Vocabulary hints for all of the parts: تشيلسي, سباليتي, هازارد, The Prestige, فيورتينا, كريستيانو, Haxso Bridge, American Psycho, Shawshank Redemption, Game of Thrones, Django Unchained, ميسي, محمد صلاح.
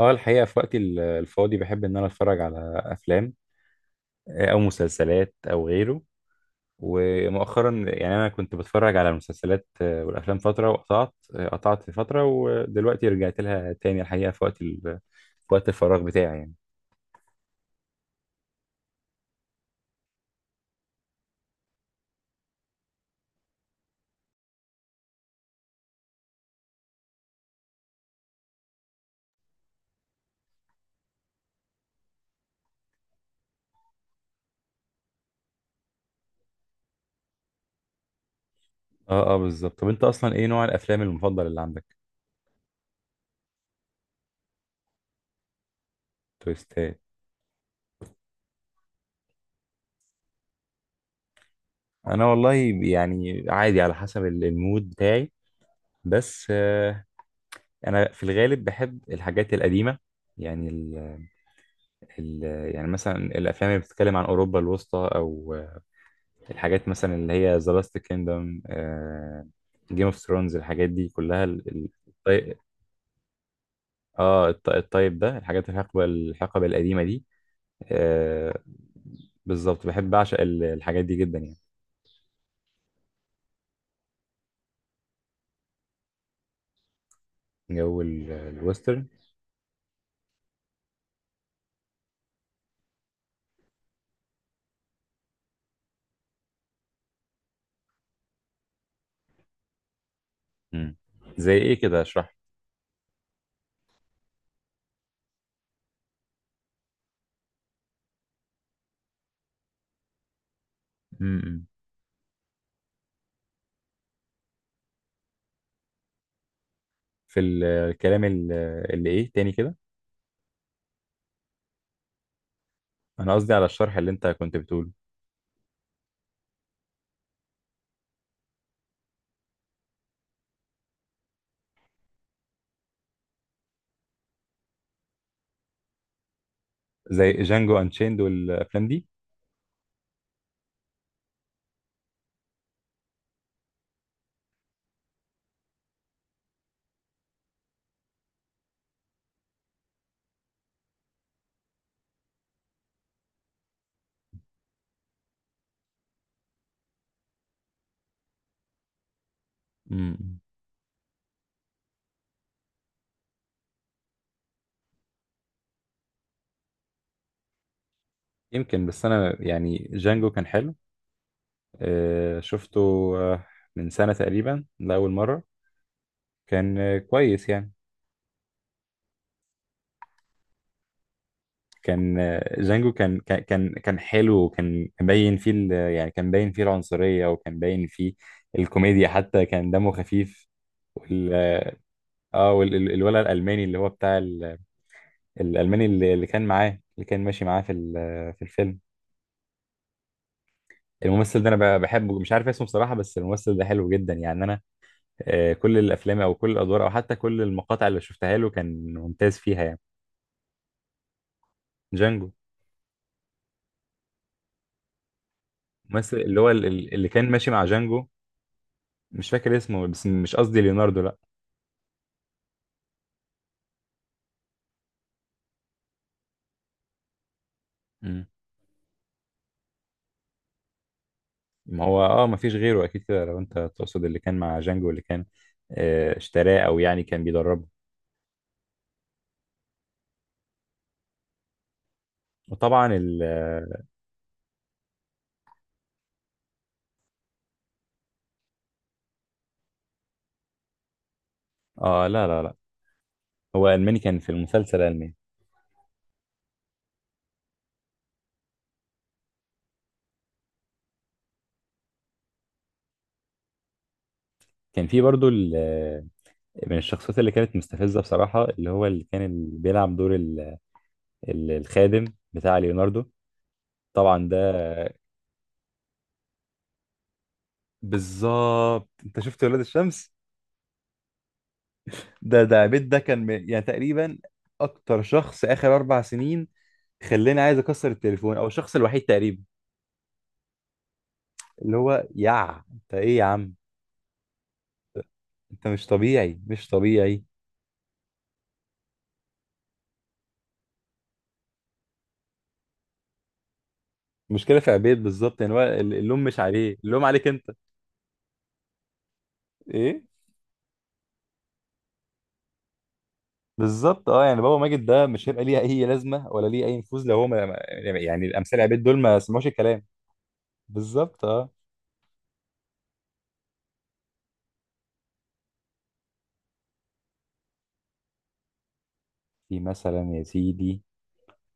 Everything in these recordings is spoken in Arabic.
اه، الحقيقة في وقتي الفاضي بحب ان انا اتفرج على افلام، او مسلسلات او غيره. ومؤخرا يعني انا كنت بتفرج على المسلسلات والافلام فترة، وقطعت، آه، قطعت في فترة، ودلوقتي رجعت لها تاني. الحقيقة في وقت في وقت الفراغ بتاعي يعني. اه، اه، بالظبط. طب انت اصلا ايه نوع الافلام المفضل اللي عندك؟ تويستات. انا والله يعني عادي، على حسب المود بتاعي، بس انا في الغالب بحب الحاجات القديمة يعني ال- يعني مثلا الافلام اللي بتتكلم عن اوروبا الوسطى، او الحاجات مثلا اللي هي ذا لاست كيندم، جيم اوف ثرونز، الحاجات دي كلها اه، الطيب ده، الحاجات الحقبه القديمه دي. آه بالظبط، بحب اعشق الحاجات دي جدا يعني. جو الويسترن. مم. زي ايه كده؟ اشرح. مم. في الكلام اللي ايه تاني كده؟ انا قصدي على الشرح اللي انت كنت بتقوله. زي جانجو انشيند والافلام دي. مم. يمكن، بس انا يعني جانجو كان حلو. شفته آه، من سنة تقريبا لأول مرة. كان كويس يعني. كان جانجو كان حلو، وكان باين فيه يعني كان باين فيه العنصرية، وكان باين فيه الكوميديا، حتى كان دمه خفيف. وال اه، والولد الألماني اللي هو بتاع الألماني اللي كان معاه، اللي كان ماشي معاه في في الفيلم. الممثل ده انا بحبه، مش عارف اسمه بصراحة، بس الممثل ده حلو جدا يعني. انا كل الافلام او كل الادوار او حتى كل المقاطع اللي شفتها له كان ممتاز فيها يعني. جانجو. ممثل اللي هو اللي كان ماشي مع جانجو، مش فاكر اسمه، بس مش قصدي ليوناردو، لا. مم. ما هو ما فيش غيره اكيد كده لو انت تقصد اللي كان مع جانجو، اللي كان اشتراه او يعني كان بيدربه. وطبعا اه، لا، لا، لا، هو الماني كان في المسلسل الماني. كان في برضو من الشخصيات اللي كانت مستفزه بصراحه، اللي هو اللي كان بيلعب دور الخادم بتاع ليوناردو. طبعا ده. بالظبط، انت شفت ولاد الشمس. ده عبيد ده كان يعني تقريبا اكتر شخص اخر 4 سنين خلاني عايز اكسر التليفون، او الشخص الوحيد تقريبا اللي هو انت ايه يا عم؟ انت مش طبيعي، مش طبيعي. المشكله في عبيد بالظبط، يعني هو اللوم مش عليه، اللوم عليك انت. ايه؟ بالظبط، اه، يعني بابا ماجد ده مش هيبقى ليه اي لازمه ولا ليه اي نفوذ لو هو يعني الامثال عبيد دول ما سمعوش الكلام. بالظبط، اه. في مثلا يا سيدي،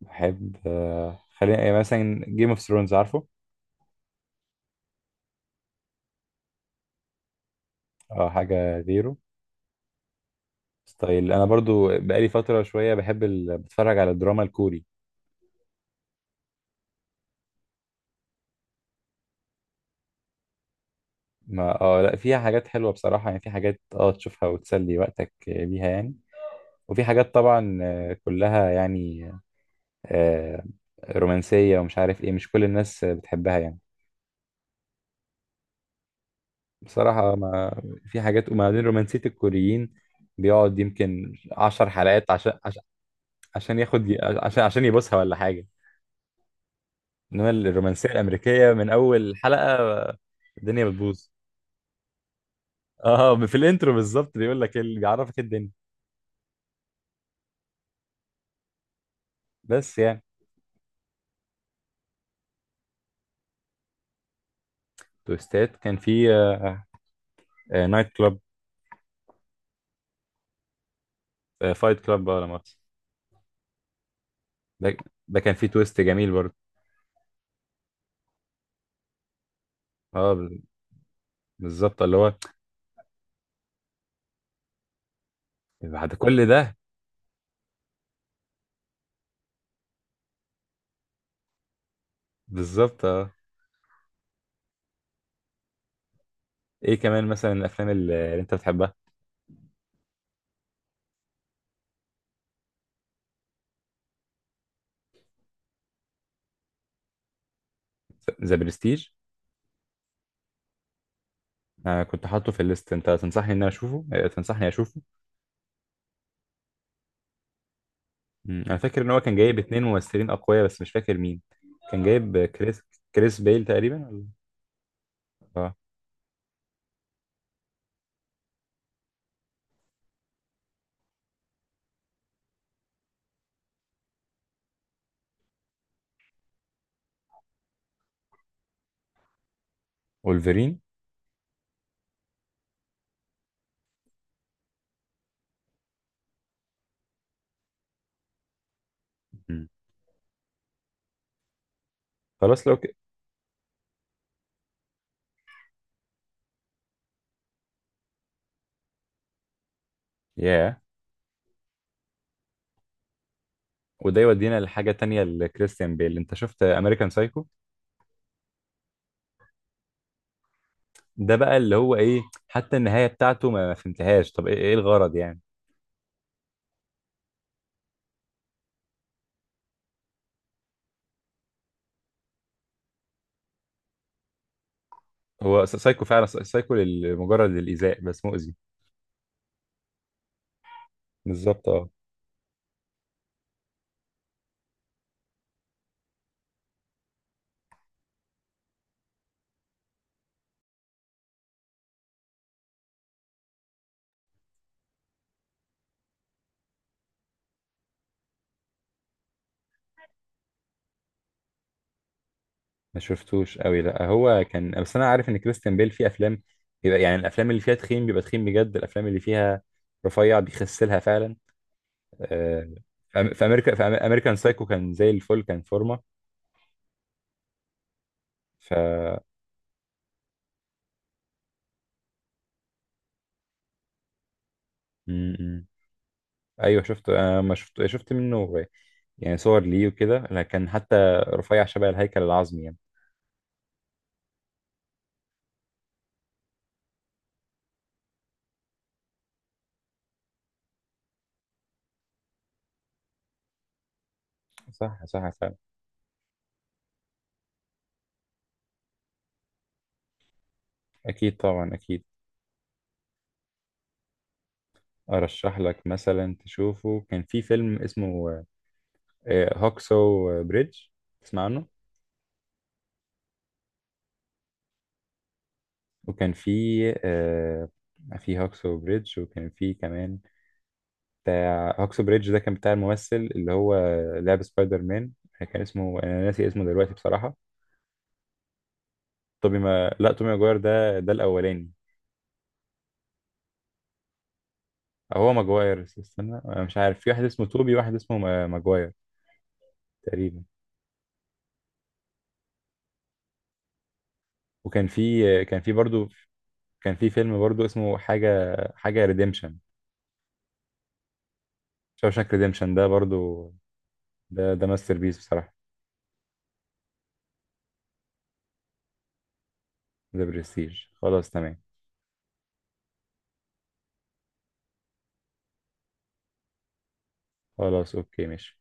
بحب خلينا يعني مثلا جيم اوف ثرونز، عارفه؟ اه، حاجه غيره. ستايل، انا برضو بقالي فتره شويه بحب بتفرج على الدراما الكوري. ما لا، فيها حاجات حلوه بصراحه يعني، في حاجات تشوفها وتسلي وقتك بيها يعني. وفي حاجات طبعا كلها يعني آه، رومانسيه ومش عارف ايه، مش كل الناس بتحبها يعني. بصراحه ما في حاجات، وبعدين رومانسيه، الكوريين بيقعد يمكن 10 حلقات عشان ياخد عشان يبصها ولا حاجه. انما الرومانسيه الامريكيه من اول حلقه الدنيا بتبوظ. اه، في الانترو بالظبط بيقول لك، اللي بيعرفك الدنيا. بس يعني. تويستات كان في نايت كلاب. فايت كلاب، اه لا مؤاخذة. ده كان في تويست جميل برضه. اه، بالظبط، اللي هو بعد كل ده. بالظبط، اه. ايه كمان مثلا الافلام اللي انت بتحبها؟ ذا برستيج. انا كنت حاطه في الليست، انت تنصحني ان انا اشوفه؟ تنصحني اشوفه. مم. انا فاكر ان هو كان جايب 2 ممثلين اقوياء، بس مش فاكر مين. كان جايب كريس. كريس بيل تقريبا، ولا؟ اه. وولفرين. مم. خلاص لو ياه. وده يودينا لحاجة تانية لكريستيان بيل، انت شفت امريكان سايكو؟ ده بقى اللي هو ايه، حتى النهاية بتاعته ما فهمتهاش. طب ايه، الغرض يعني؟ هو سايكو فعلا، سايكو لمجرد الإيذاء، بس مؤذي. بالظبط، اه. ما شفتوش قوي، لا، هو كان، بس انا عارف ان كريستيان بيل في افلام بيبقى يعني الافلام اللي فيها تخين بيبقى تخين بجد، الافلام اللي فيها رفيع بيخسلها فعلا. آه، في امريكا في امريكان سايكو كان زي الفل، كان فورمه. ف م- م. ايوه، شفته، انا ما شفت منه يعني صور ليه وكده، لا، كان حتى رفيع شبه الهيكل العظمي يعني. صح، صح، فعلا. اكيد، طبعا اكيد. ارشح لك مثلا تشوفه، كان في فيلم اسمه هوكسو بريدج، تسمع عنه؟ وكان في آه في هاكسو بريدج، وكان في كمان بتاع هاكسو بريدج ده، كان بتاع الممثل اللي هو لعب سبايدر مان. كان اسمه، انا ناسي اسمه دلوقتي بصراحة. توبي ما لا، توبي ماجواير ده الاولاني. هو ماجواير، استنى، انا مش عارف، في واحد اسمه توبي، واحد اسمه ماجواير تقريبا. وكان في برضو كان في فيلم برضو اسمه حاجة حاجة ريديمشن. شاوشانك ريديمشن ده برضو. ده ماستر بيس بصراحة. ذا برستيج خلاص، تمام. خلاص، اوكي، ماشي.